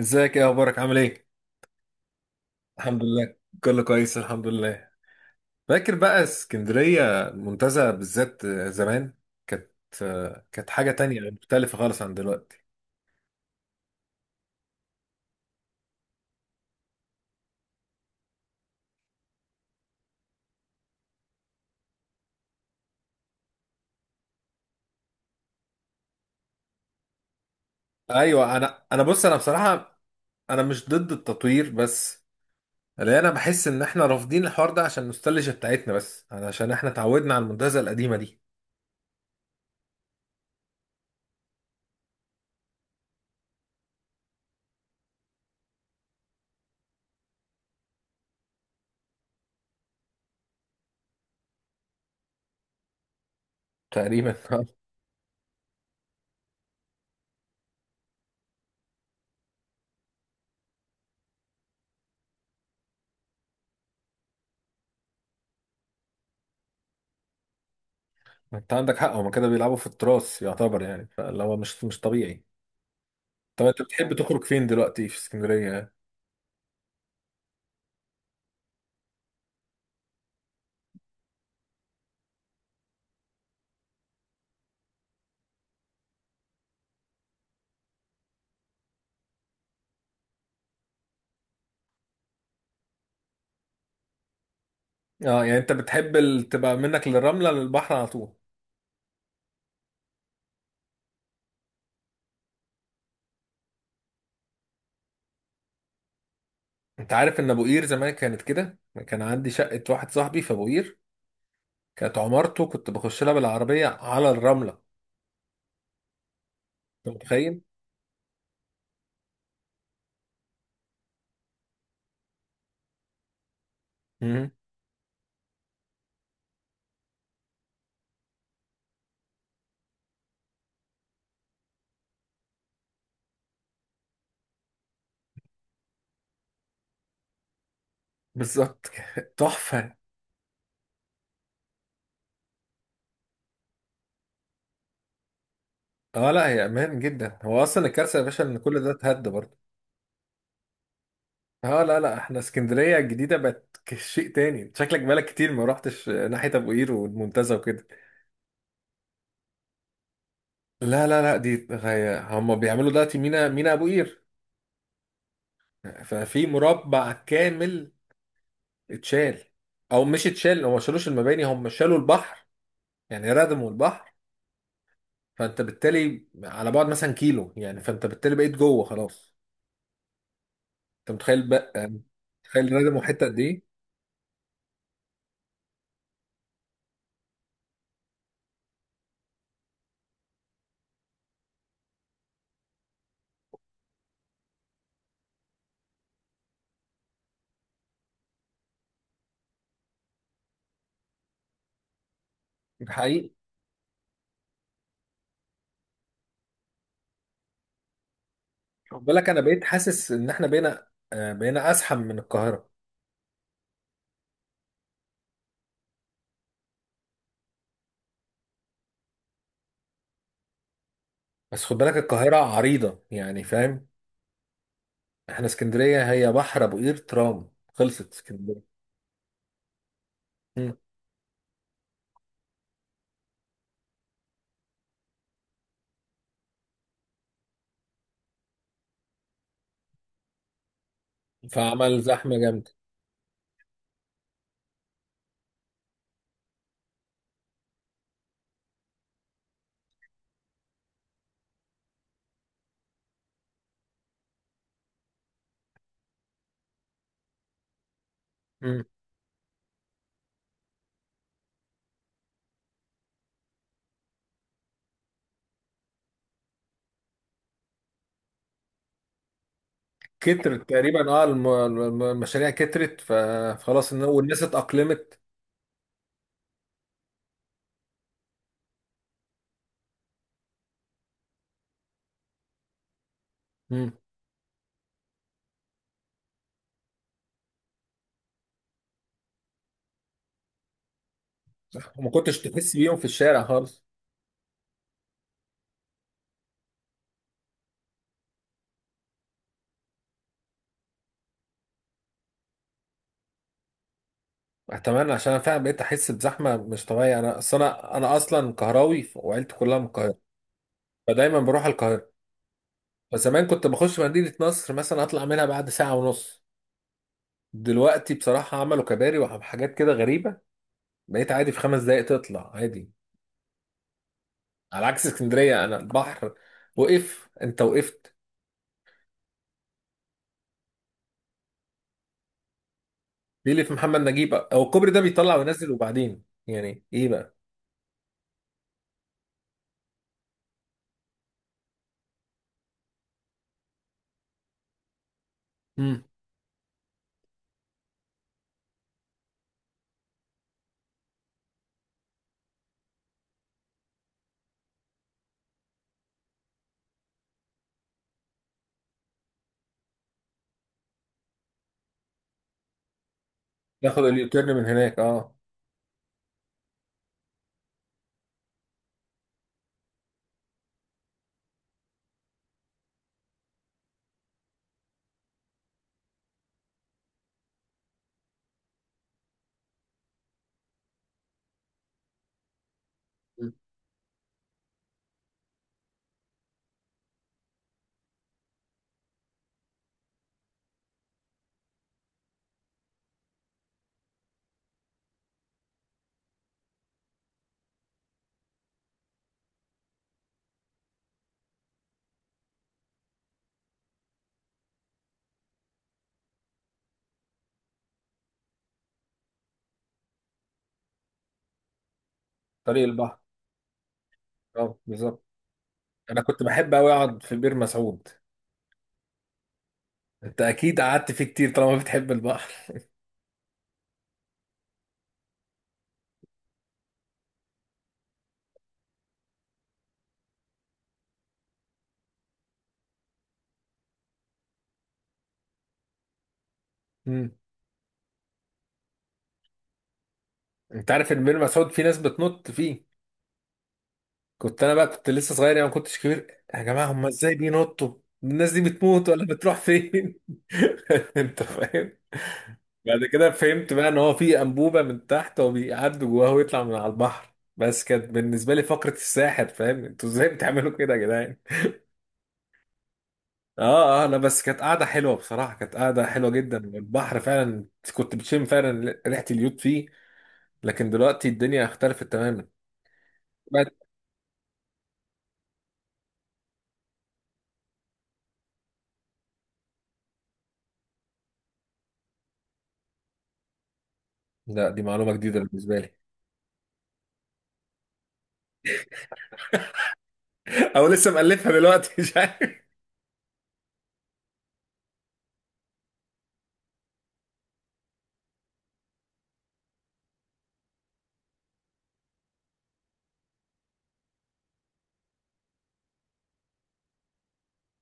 ازيك؟ ايه اخبارك؟ عامل ايه؟ الحمد لله. كله كويس الحمد لله. فاكر بقى اسكندرية المنتزه بالذات زمان؟ كانت كانت حاجة تانية مختلفة خالص عن دلوقتي. ايوه انا بص، انا بصراحة انا مش ضد التطوير، بس لا، انا بحس ان احنا رافضين الحوار ده عشان النوستالجيا بتاعتنا، بس عشان احنا اتعودنا على المنتزه القديمة دي تقريبا. انت عندك حق، هما كده بيلعبوا في التراث يعتبر، يعني فاللي هو مش طبيعي. طب انت بتحب تخرج فين دلوقتي في اسكندرية؟ اه، يعني انت بتحب تبقى منك للرملة للبحر على طول. انت عارف ان ابو قير زمان كانت كده، كان عندي شقة واحد صاحبي في ابو قير، كانت عمارته كنت بخش لها بالعربية على الرملة. انت متخيل؟ امم. بالظبط. تحفة. اه لا، هي امان جدا، هو اصلا الكارثة يا باشا ان كل ده اتهد برضه. اه لا لا، احنا اسكندرية الجديدة بقت شيء تاني، شكلك بقالك كتير ما رحتش ناحية ابو قير والمنتزه وكده. لا لا لا، دي غاية. هم بيعملوا دلوقتي مينا، مينا ابو قير. ففي مربع كامل اتشال، او مش اتشال، هو ما شالوش المباني، هم شالوا البحر. يعني ردموا البحر. فانت بالتالي على بعد مثلا كيلو، يعني فانت بالتالي بقيت جوه خلاص. انت متخيل بقى؟ متخيل ردموا حته قد ايه؟ ده حقيقي. خد بالك انا بقيت حاسس ان احنا بقينا، بقينا ازحم من القاهره. بس خد بالك القاهره عريضه يعني، فاهم؟ احنا اسكندريه هي بحر، ابو قير، ترام، خلصت اسكندريه. مم. فعمل زحمه جامده. كترت تقريبا، اه المشاريع كترت، فخلاص والناس اتأقلمت. مم. وما كنتش تحس بيهم في الشارع خالص. اتمنى، عشان انا فعلا بقيت احس بزحمه مش طبيعيه. انا اصل انا اصلا قهراوي وعيلتي كلها من القاهره. فدايما بروح القاهره. فزمان كنت بخش مدينه نصر مثلا اطلع منها بعد ساعة ونص. دلوقتي بصراحه عملوا كباري وحاجات كده غريبه، بقيت عادي في 5 دقائق تطلع عادي. على عكس اسكندريه انا، البحر وقف، انت وقفت. ليه في محمد نجيب بقى هو الكوبري ده بيطلع وينزل وبعدين يعني ايه بقى؟ امم. ياخد اليوتيرن من هناك، اه. مم. طريق البحر، اه بالظبط. انا كنت بحب قوي اقعد في بير مسعود. انت اكيد قعدت فيه كتير طالما بتحب البحر. امم. انت عارف ان بير مسعود في ناس بتنط فيه؟ كنت انا بقى كنت لسه صغير، يعني ما كنتش كبير يا جماعه، هم ازاي بينطوا؟ الناس دي بتموت ولا بتروح فين؟ انت فاهم. بعد كده فهمت بقى ان هو في انبوبه من تحت، هو بيعدوا جواها ويطلع من على البحر، بس كانت بالنسبه لي فقره الساحر، فاهم؟ انتوا ازاي بتعملوا كده يا جدعان؟ اه اه لا، بس كانت قاعده حلوه بصراحه، كانت قاعده حلوه جدا والبحر فعلا كنت بتشم فعلا ريحه اليود فيه. لكن دلوقتي الدنيا اختلفت تماما. بعد- لا، دي معلومه جديده بالنسبه لي. او لسه مألفها دلوقتي، مش عارف.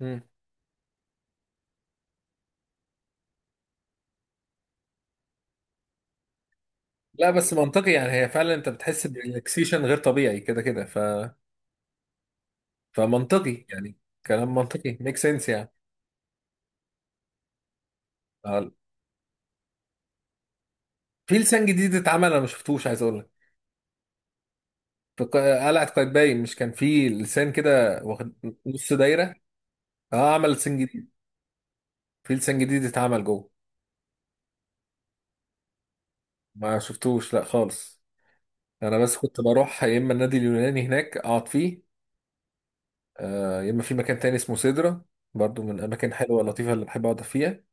مم. لا بس منطقي يعني، هي فعلا انت بتحس بريلاكسيشن غير طبيعي كده كده، فمنطقي يعني. كلام منطقي، ميك سنس يعني. في لسان جديد اتعمل، انا ما شفتوش، عايز اقول لك. في قلعه قايتباي مش كان في لسان كده واخد نص دايره؟ اه عمل لسان جديد، في لسان جديد اتعمل جوه. ما شفتوش لا خالص. انا بس كنت بروح يا اما النادي اليوناني هناك اقعد فيه، يا اما في مكان تاني اسمه سيدرا، برضو من الاماكن حلوه لطيفه اللي بحب اقعد فيها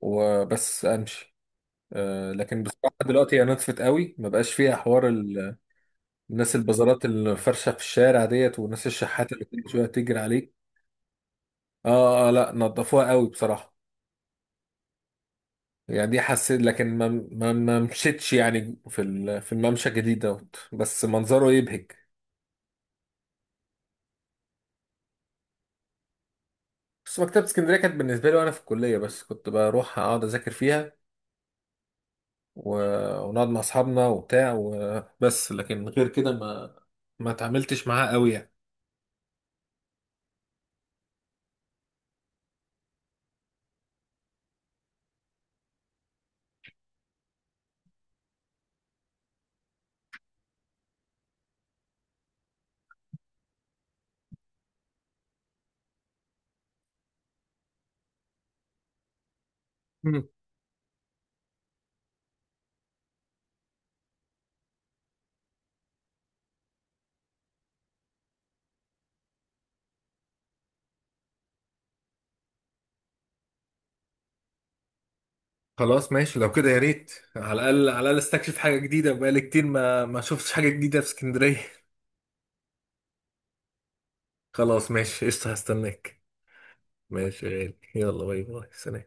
وبس امشي. لكن بصراحه دلوقتي هي نطفت قوي، ما بقاش فيها حوار الناس، البازارات الفرشه في الشارع ديت والناس الشحاته اللي كل شويه تجري عليك. اه اه لا، نضفوها قوي بصراحة. يعني دي حسيت، لكن ما مشيتش يعني في في الممشى الجديد دوت، بس منظره يبهج. بس مكتبة اسكندرية كانت بالنسبة لي وانا في الكلية، بس كنت بروح اقعد اذاكر فيها و... ونقعد مع اصحابنا وبتاع وبس، لكن غير كده ما اتعاملتش معاها قوي يعني. مم. خلاص ماشي، لو كده يا ريت، على الاقل على الاقل استكشف حاجة جديدة، بقالي كتير ما شفتش حاجة جديدة في اسكندرية. خلاص ماشي قشطة، هستناك. ماشي يا غالي، يلا باي باي سلام.